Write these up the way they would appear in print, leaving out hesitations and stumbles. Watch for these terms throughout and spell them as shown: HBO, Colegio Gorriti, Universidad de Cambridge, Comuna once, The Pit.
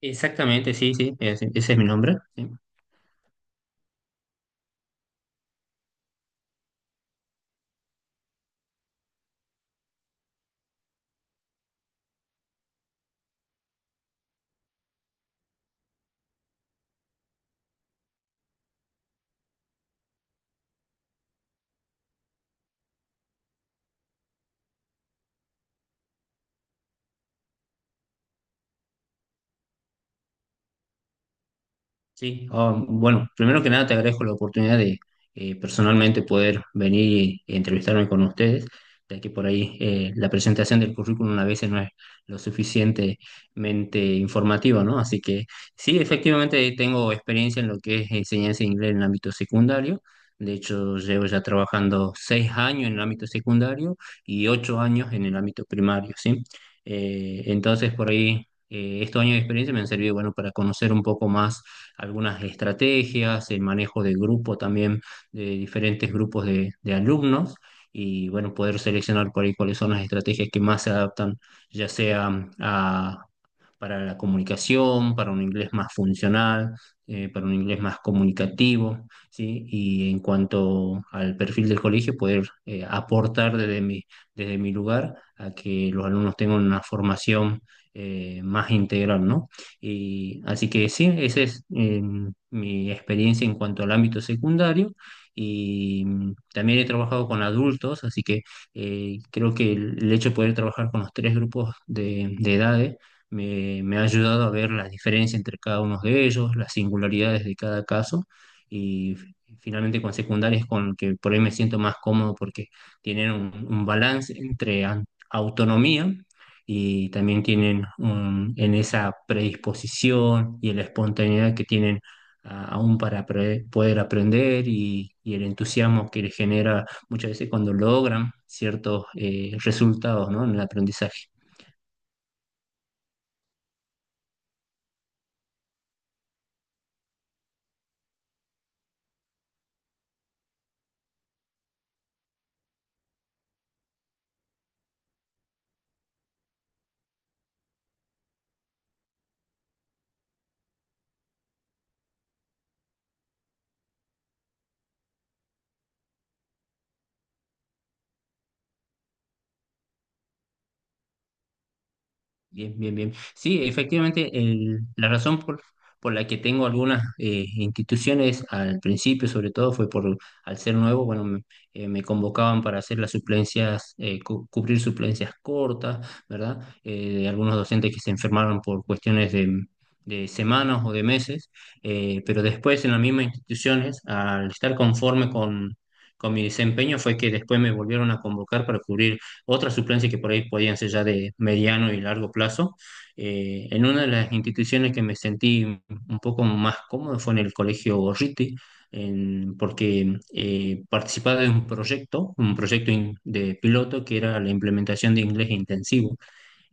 Exactamente, sí, sí, ese es mi nombre. Sí. Sí, ah, bueno, primero que nada te agradezco la oportunidad de personalmente poder venir y entrevistarme con ustedes, ya que por ahí la presentación del currículum a veces no es lo suficientemente informativa, ¿no? Así que sí, efectivamente tengo experiencia en lo que es enseñanza de inglés en el ámbito secundario. De hecho, llevo ya trabajando 6 años en el ámbito secundario y 8 años en el ámbito primario, ¿sí? Entonces, por ahí, estos años de experiencia me han servido, bueno, para conocer un poco más algunas estrategias, el manejo de grupo también, de diferentes grupos de alumnos y bueno, poder seleccionar por ahí cuáles son las estrategias que más se adaptan, ya sea a para la comunicación, para un inglés más funcional, para un inglés más comunicativo, ¿sí? Y en cuanto al perfil del colegio, poder aportar desde mi lugar a que los alumnos tengan una formación más integral, ¿no? Y así que sí, esa es mi experiencia en cuanto al ámbito secundario. Y también he trabajado con adultos, así que creo que el hecho de poder trabajar con los tres grupos de edades me ha ayudado a ver las diferencias entre cada uno de ellos, las singularidades de cada caso y finalmente con secundarias con el que por ahí me siento más cómodo porque tienen un balance entre autonomía y también tienen en esa predisposición y en la espontaneidad que tienen aún para poder aprender y el entusiasmo que les genera muchas veces cuando logran ciertos resultados, ¿no?, en el aprendizaje. Bien, bien, bien. Sí, efectivamente, la razón por la que tengo algunas instituciones al principio, sobre todo, fue por, al ser nuevo, bueno, me convocaban para hacer las suplencias, cubrir suplencias cortas, ¿verdad? De algunos docentes que se enfermaron por cuestiones de semanas o de meses, pero después en las mismas instituciones, al estar conforme con mi desempeño, fue que después me volvieron a convocar para cubrir otras suplencias que por ahí podían ser ya de mediano y largo plazo. En una de las instituciones que me sentí un poco más cómodo fue en el Colegio Gorriti, porque participaba de un proyecto de piloto que era la implementación de inglés intensivo.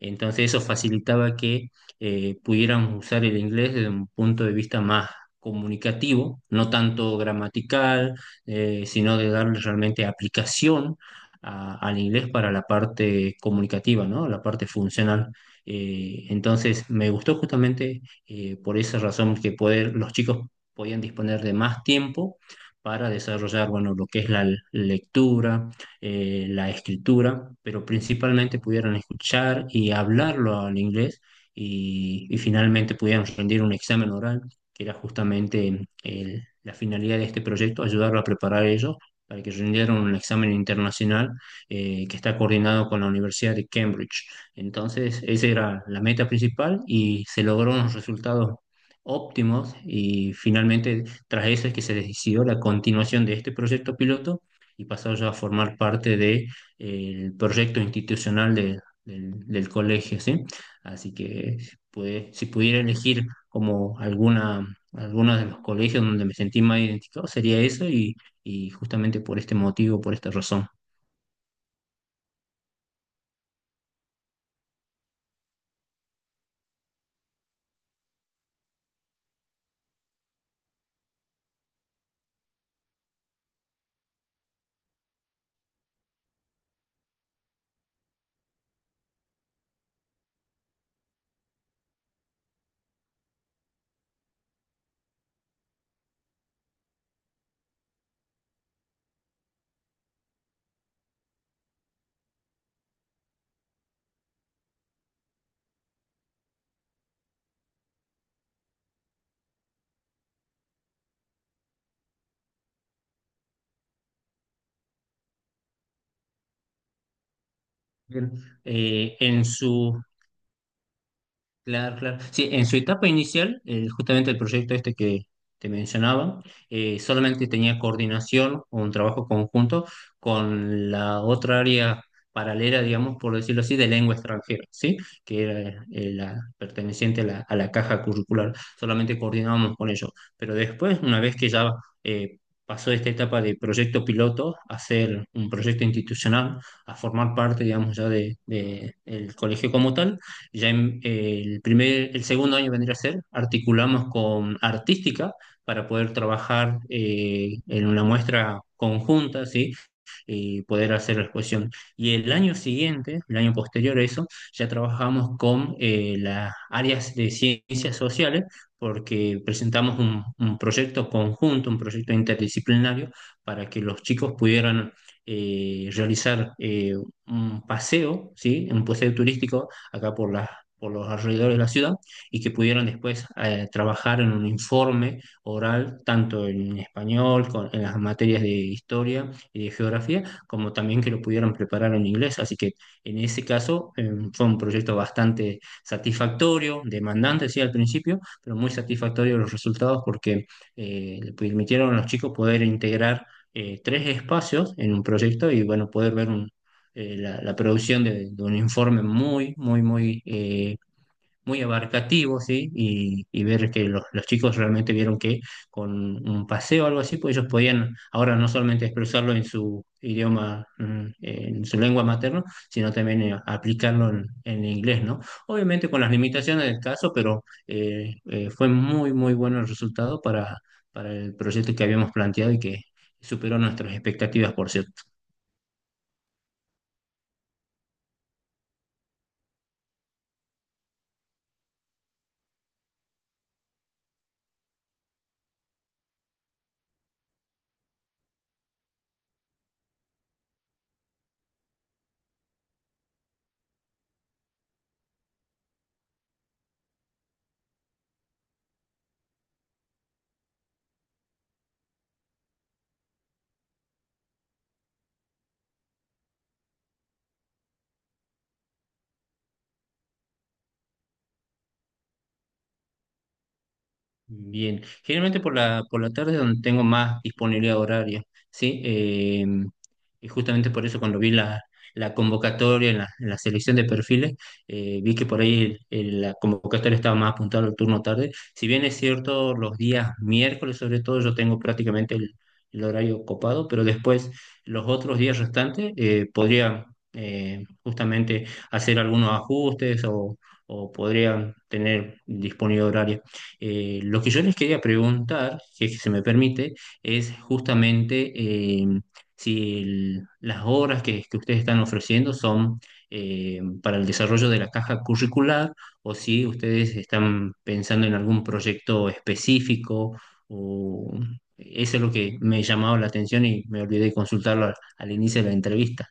Entonces eso facilitaba que pudiéramos usar el inglés desde un punto de vista más comunicativo, no tanto gramatical, sino de darle realmente aplicación al inglés para la parte comunicativa, ¿no? La parte funcional. Entonces me gustó justamente por esa razón, que poder, los chicos podían disponer de más tiempo para desarrollar, bueno, lo que es la lectura, la escritura, pero principalmente pudieran escuchar y hablarlo al inglés y finalmente pudieran rendir un examen oral, que era justamente la finalidad de este proyecto, ayudarlo a preparar ellos para que rindieran un examen internacional que está coordinado con la Universidad de Cambridge. Entonces, esa era la meta principal y se lograron unos resultados óptimos y finalmente tras eso es que se decidió la continuación de este proyecto piloto y pasar ya a formar parte de el proyecto institucional del colegio, ¿sí? Así que pues, si pudiera elegir como alguna, algunos de los colegios donde me sentí más identificado, sería eso y justamente por este motivo, por esta razón. Bien. Eh, en su, Claro, claro. Sí, en su etapa inicial, justamente el proyecto este que te mencionaba, solamente tenía coordinación o un trabajo conjunto con la otra área paralela, digamos, por decirlo así, de lengua extranjera, ¿sí? Que era la perteneciente a la caja curricular. Solamente coordinábamos con ellos. Pero después, una vez que ya eh, pasó esta etapa de proyecto piloto a ser un proyecto institucional, a formar parte, digamos, ya de- del colegio como tal, ya en el primer, el segundo año vendría a ser, articulamos con artística para poder trabajar en una muestra conjunta, ¿sí?, y poder hacer la exposición. Y el año siguiente, el año posterior a eso, ya trabajamos con las áreas de ciencias sociales porque presentamos un proyecto conjunto, un proyecto interdisciplinario para que los chicos pudieran realizar un paseo, ¿sí? Un paseo turístico acá por por los alrededores de la ciudad y que pudieran después trabajar en un informe oral, tanto en español, en las materias de historia y de geografía, como también que lo pudieran preparar en inglés. Así que en ese caso fue un proyecto bastante satisfactorio, demandante, sí, al principio, pero muy satisfactorio los resultados porque le permitieron a los chicos poder integrar tres espacios en un proyecto y bueno, poder ver un, la producción de un informe muy, muy, muy, muy abarcativo, ¿sí? Y y ver que los chicos realmente vieron que con un paseo o algo así, pues ellos podían ahora no solamente expresarlo en su idioma, en su lengua materna, sino también aplicarlo en inglés, ¿no? Obviamente con las limitaciones del caso, pero fue muy, muy bueno el resultado para el proyecto que habíamos planteado y que superó nuestras expectativas, por cierto. Bien, generalmente por la tarde es donde tengo más disponibilidad horaria, ¿sí? Y justamente por eso, cuando vi la convocatoria en la selección de perfiles, vi que por ahí la convocatoria estaba más apuntada al turno tarde. Si bien es cierto, los días miércoles sobre todo yo tengo prácticamente el horario copado, pero después los otros días restantes podría justamente hacer algunos ajustes o podría tener disponibilidad horaria. Lo que yo les quería preguntar, si es que se me permite, es justamente si las obras que ustedes están ofreciendo son para el desarrollo de la caja curricular o si ustedes están pensando en algún proyecto específico, o eso es lo que me llamaba la atención y me olvidé consultarlo al inicio de la entrevista.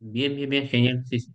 Bien, bien, bien, genial, sí, sí,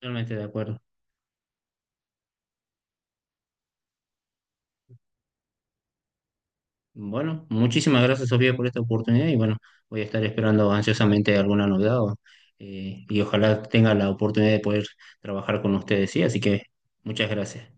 totalmente de acuerdo. Bueno, muchísimas gracias, Sofía, por esta oportunidad y bueno, voy a estar esperando ansiosamente alguna novedad o, y ojalá tenga la oportunidad de poder trabajar con ustedes, sí, así que muchas gracias.